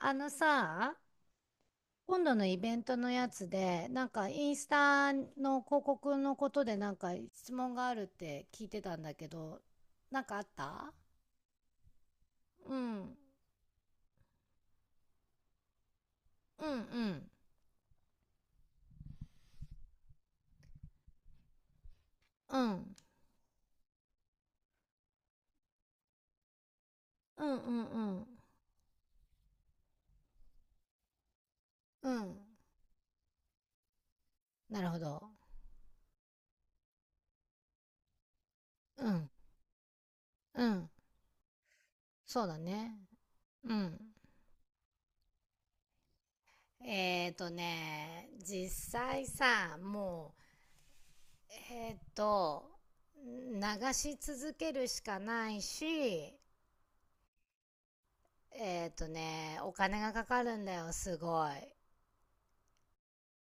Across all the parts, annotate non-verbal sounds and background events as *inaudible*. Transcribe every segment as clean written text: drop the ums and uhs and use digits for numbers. あのさ、今度のイベントのやつで、なんかインスタの広告のことでなんか質問があるって聞いてたんだけど、なんかあった？うん。うんうん。うん。うんうんうん。うん。なるほど。うん。うん。そうだね。うん。実際さ、もう、流し続けるしかないし、お金がかかるんだよ、すごい。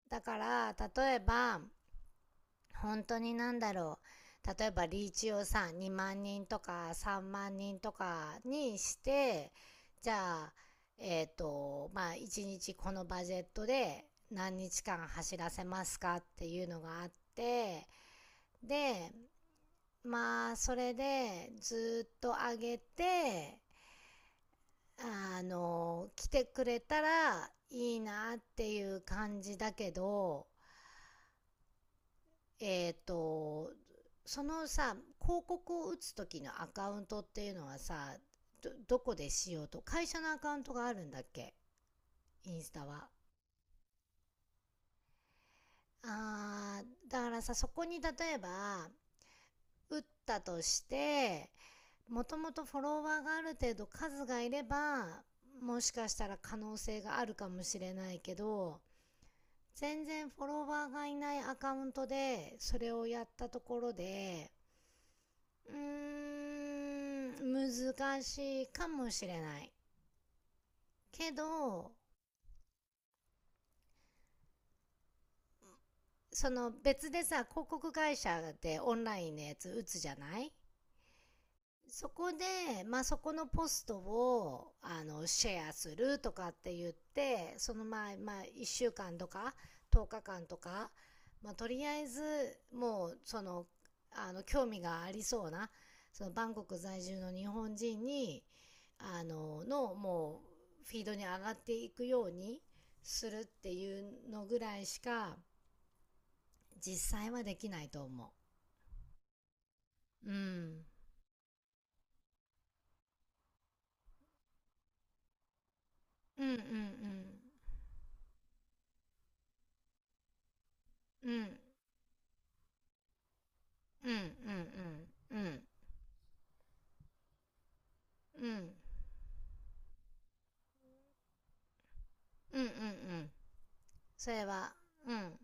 だから、例えば、本当になんだろう。例えば、リーチをさ、2万人とか3万人とかにして、じゃあ、まあ、1日このバジェットで何日間走らせますかっていうのがあって、で、まあ、それでずっと上げて、あの、来てくれたらいいなっていう感じだけど、えっ、と、そのさ、広告を打つ時のアカウントっていうのはさ、どこでしようと、会社のアカウントがあるんだっけ？インスタは。あー、だからさ、そこに例えば、打ったとして、もともとフォロワーがある程度数がいれば、もしかしたら可能性があるかもしれないけど、全然フォロワーがいないアカウントでそれをやったところで、うーん、難しいかもしれない。けど、その別でさ、広告会社でオンラインのやつ打つじゃない？そこで、まあ、そこのポストをあのシェアするとかって言って、そのまあまあ、1週間とか10日間とか、まあ、とりあえず、もう、その、あの、興味がありそうな、そのバンコク在住の日本人に、あののもうフィードに上がっていくようにするっていうのぐらいしか実際はできないと思う。うん、うんうんうんうんうんうんうんうんうんうんうんうん。それは、うんうん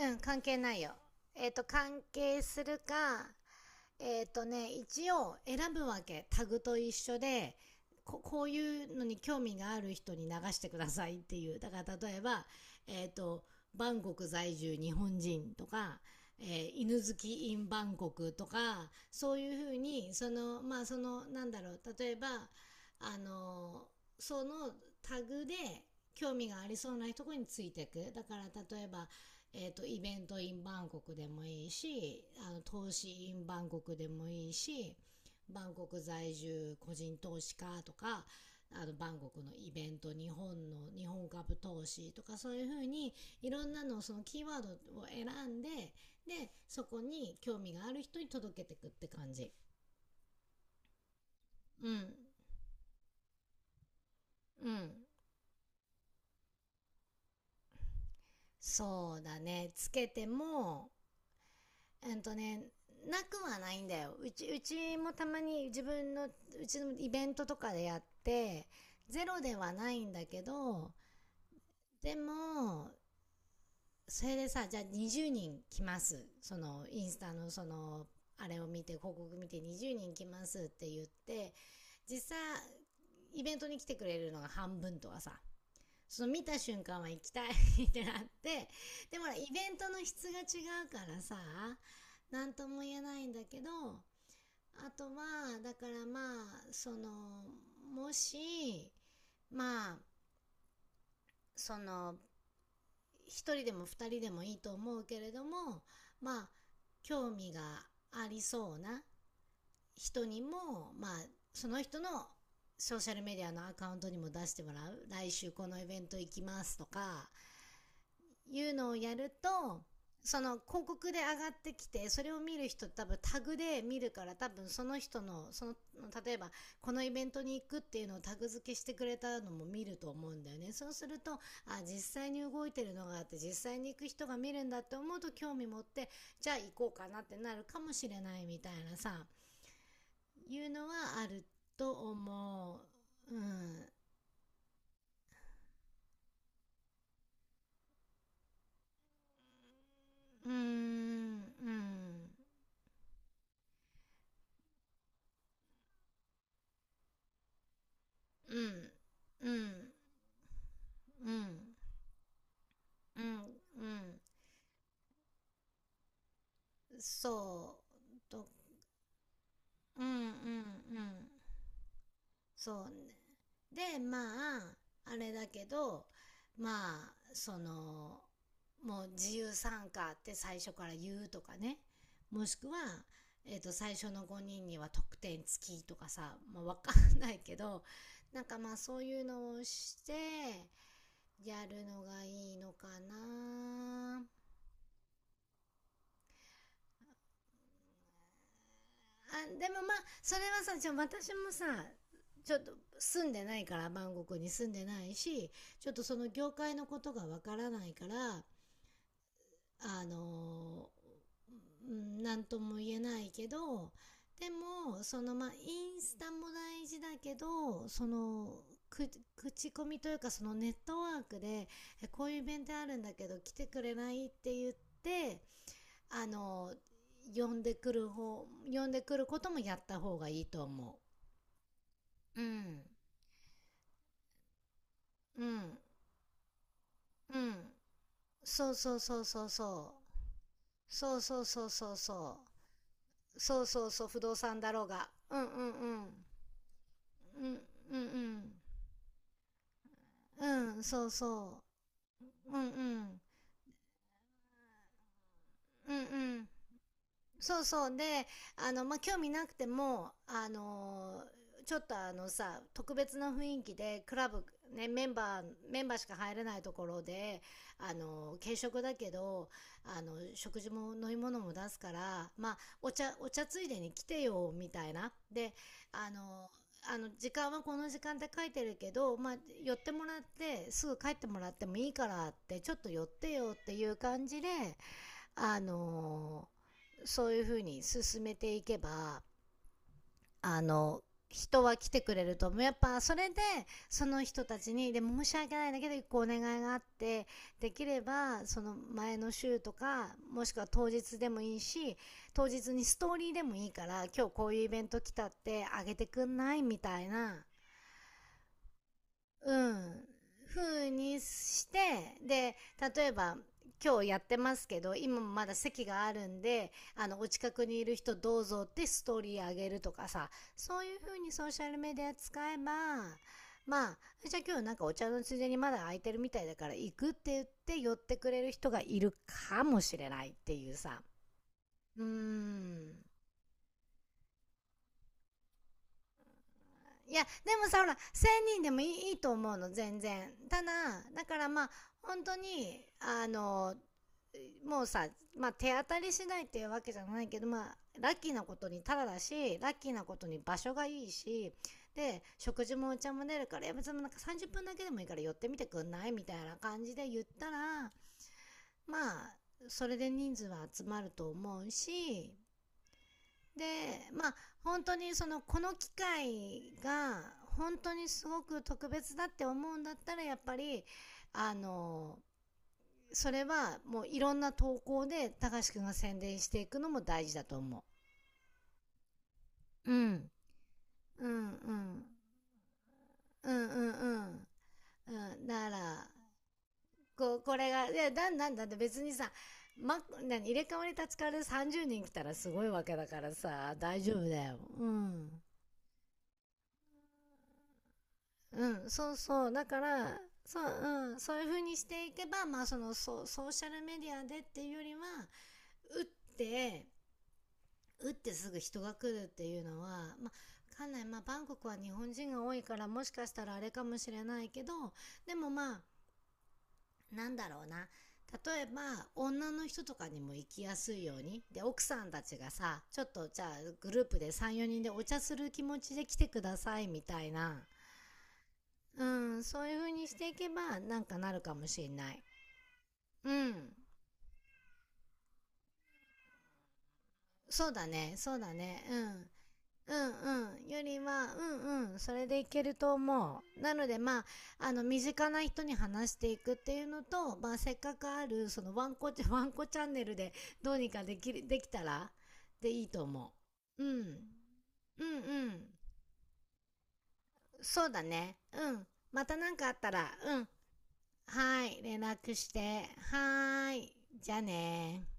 うん、関係ないよ。関係するか。一応選ぶわけ。タグと一緒で、こういうのに興味がある人に流してくださいっていう。だから例えば、えっ、と、バンコク在住日本人とか、犬好き in バンコクとか、そういうふうに、その、まあその、なんだろう、例えば、あの、そのタグで興味がありそうなところについていく。だから例えば、イベントインバンコクでもいいし、あの、投資インバンコクでもいいし、バンコク在住個人投資家とか、あの、バンコクのイベント、日本株投資とか、そういうふうに、いろんなの、そのキーワードを選んで、で、そこに興味がある人に届けてくって感じ。うん。うん。そうだね。つけても、えっとね、なくはないんだよ。うちもたまに自分の、うちのイベントとかでやって、ゼロではないんだけど、でも、それでさ、じゃあ20人来ます。その、インスタのその、あれを見て、広告見て20人来ますって言って、実際、イベントに来てくれるのが半分とかさ、その見た瞬間は行きたい *laughs* ってなって、でもほら、イベントの質が違うからさ、なんとも言えないんだけど、あとは、だからまあ、その、もし、まあ、その、一人でも二人でもいいと思うけれども、まあ、興味がありそうな人にも、まあ、その人のソーシャルメディアのアカウントにも出してもらう。来週このイベント行きますとか、いうのをやると、その広告で上がってきてそれを見る人、多分タグで見るから、多分その人の、その、例えばこのイベントに行くっていうのをタグ付けしてくれたのも見ると思うんだよね。そうすると、実際に動いてるのがあって実際に行く人が見るんだって思うと興味持って、じゃあ行こうかなってなるかもしれないみたいなさ、いうのはあると思う。うんうんうんうんうんうんうん、うん、そう、と、うん、うん、うん、そう。で、まあ、あれだけど、まあ、その、もう自由参加って最初から言うとかね、もしくは、最初の5人には得点付きとかさ、まあ、わかんないけど、なんかまあそういうのをしてやるのがいいのかな。あ、でもまあそれはさ、じゃあ私もさ、ちょっと住んでないからバンコクに住んでないし、ちょっとその業界のことがわからないから、あの、うなんとも言えないけど、でもそのまあインスタも大事だけど、その、く口コミというかそのネットワークで、こういうイベントあるんだけど来てくれないって言って、あの、呼んでくる方呼んでくることもやった方がいいと思う。うんうんうん、そうそうそうそうそう、そうそうそうそうそうそうそう、そう不動産だろうが、うんうんうんうんうんうんうん、そうそう、うんうんうんうん、そうそうで、あの、まあ、興味なくても、ちょっとあのさ特別な雰囲気でクラブ、ね、メンバーしか入れないところで、軽食だけど、あの食事も飲み物も出すから、まあ、お茶ついでに来てよみたいなで、あのー時間はこの時間って書いてるけど、まあ、寄ってもらってすぐ帰ってもらってもいいからってちょっと寄ってよっていう感じで、あのそういうふうに進めていけば、あの、人は来てくれると思う。やっぱそれで、その人たちに、でも申し訳ないんだけど、一個お願いがあって、できれば、その前の週とか、もしくは当日でもいいし、当日にストーリーでもいいから、今日こういうイベント来たって、あげてくんないみたいな、うん、風にして、で、例えば、今日やってますけど、今もまだ席があるんで、あの、お近くにいる人どうぞってストーリーあげるとかさ、そういう風にソーシャルメディア使えば、まあ、じゃあ今日なんかお茶のついでにまだ空いてるみたいだから行くって言って寄ってくれる人がいるかもしれないっていうさ。うーん。いや、でもさ、ほら、1000人でもいいと思うの、全然。ただ、だからまあ、本当に、あの、もうさ、まあ、手当たり次第っていうわけじゃないけど、まあ、ラッキーなことにタダだし、ラッキーなことに場所がいいし、で、食事もお茶も出るから、いや、別になんか30分だけでもいいから寄ってみてくんないみたいな感じで言ったら、まあ、それで人数は集まると思うし、で、まあ、本当にその、この機会が、本当にすごく特別だって思うんだったら、やっぱり、あの、それはもういろんな投稿で、高橋くんが宣伝していくのも大事だと思う。うん。うんうん。うんうんうん。うん。だから、これが、いや、だんだんだって別にさ、ま、何、入れ替わり立ち替わりで30人来たらすごいわけだからさ、大丈夫だよ。うん。うんそうそうだから、そう、うん、そういう風にしていけば、まあ、そのそうソーシャルメディアでっていうよりは、打って打ってすぐ人が来るっていうのは、まあ、わかんない、まあ、バンコクは日本人が多いからもしかしたらあれかもしれないけど、でもまあなんだろうな、例えば、女の人とかにも行きやすいように、で奥さんたちがさちょっとじゃあグループで34人でお茶する気持ちで来てくださいみたいな、うん、そういう風にしていけば、なんかなるかもしれない。うん。そうだね、そうだね、うん。うんうん。よりは、うんうん。それでいけると思う。なので、まあ、あの、身近な人に話していくっていうのと、まあ、せっかくある、その、ワンコ、*laughs* ワンコチャンネルでどうにかできる、できたら、でいいと思う。うん。うんうん。そうだね。うん。またなんかあったら、うん。はい。連絡して。はーい。じゃあねー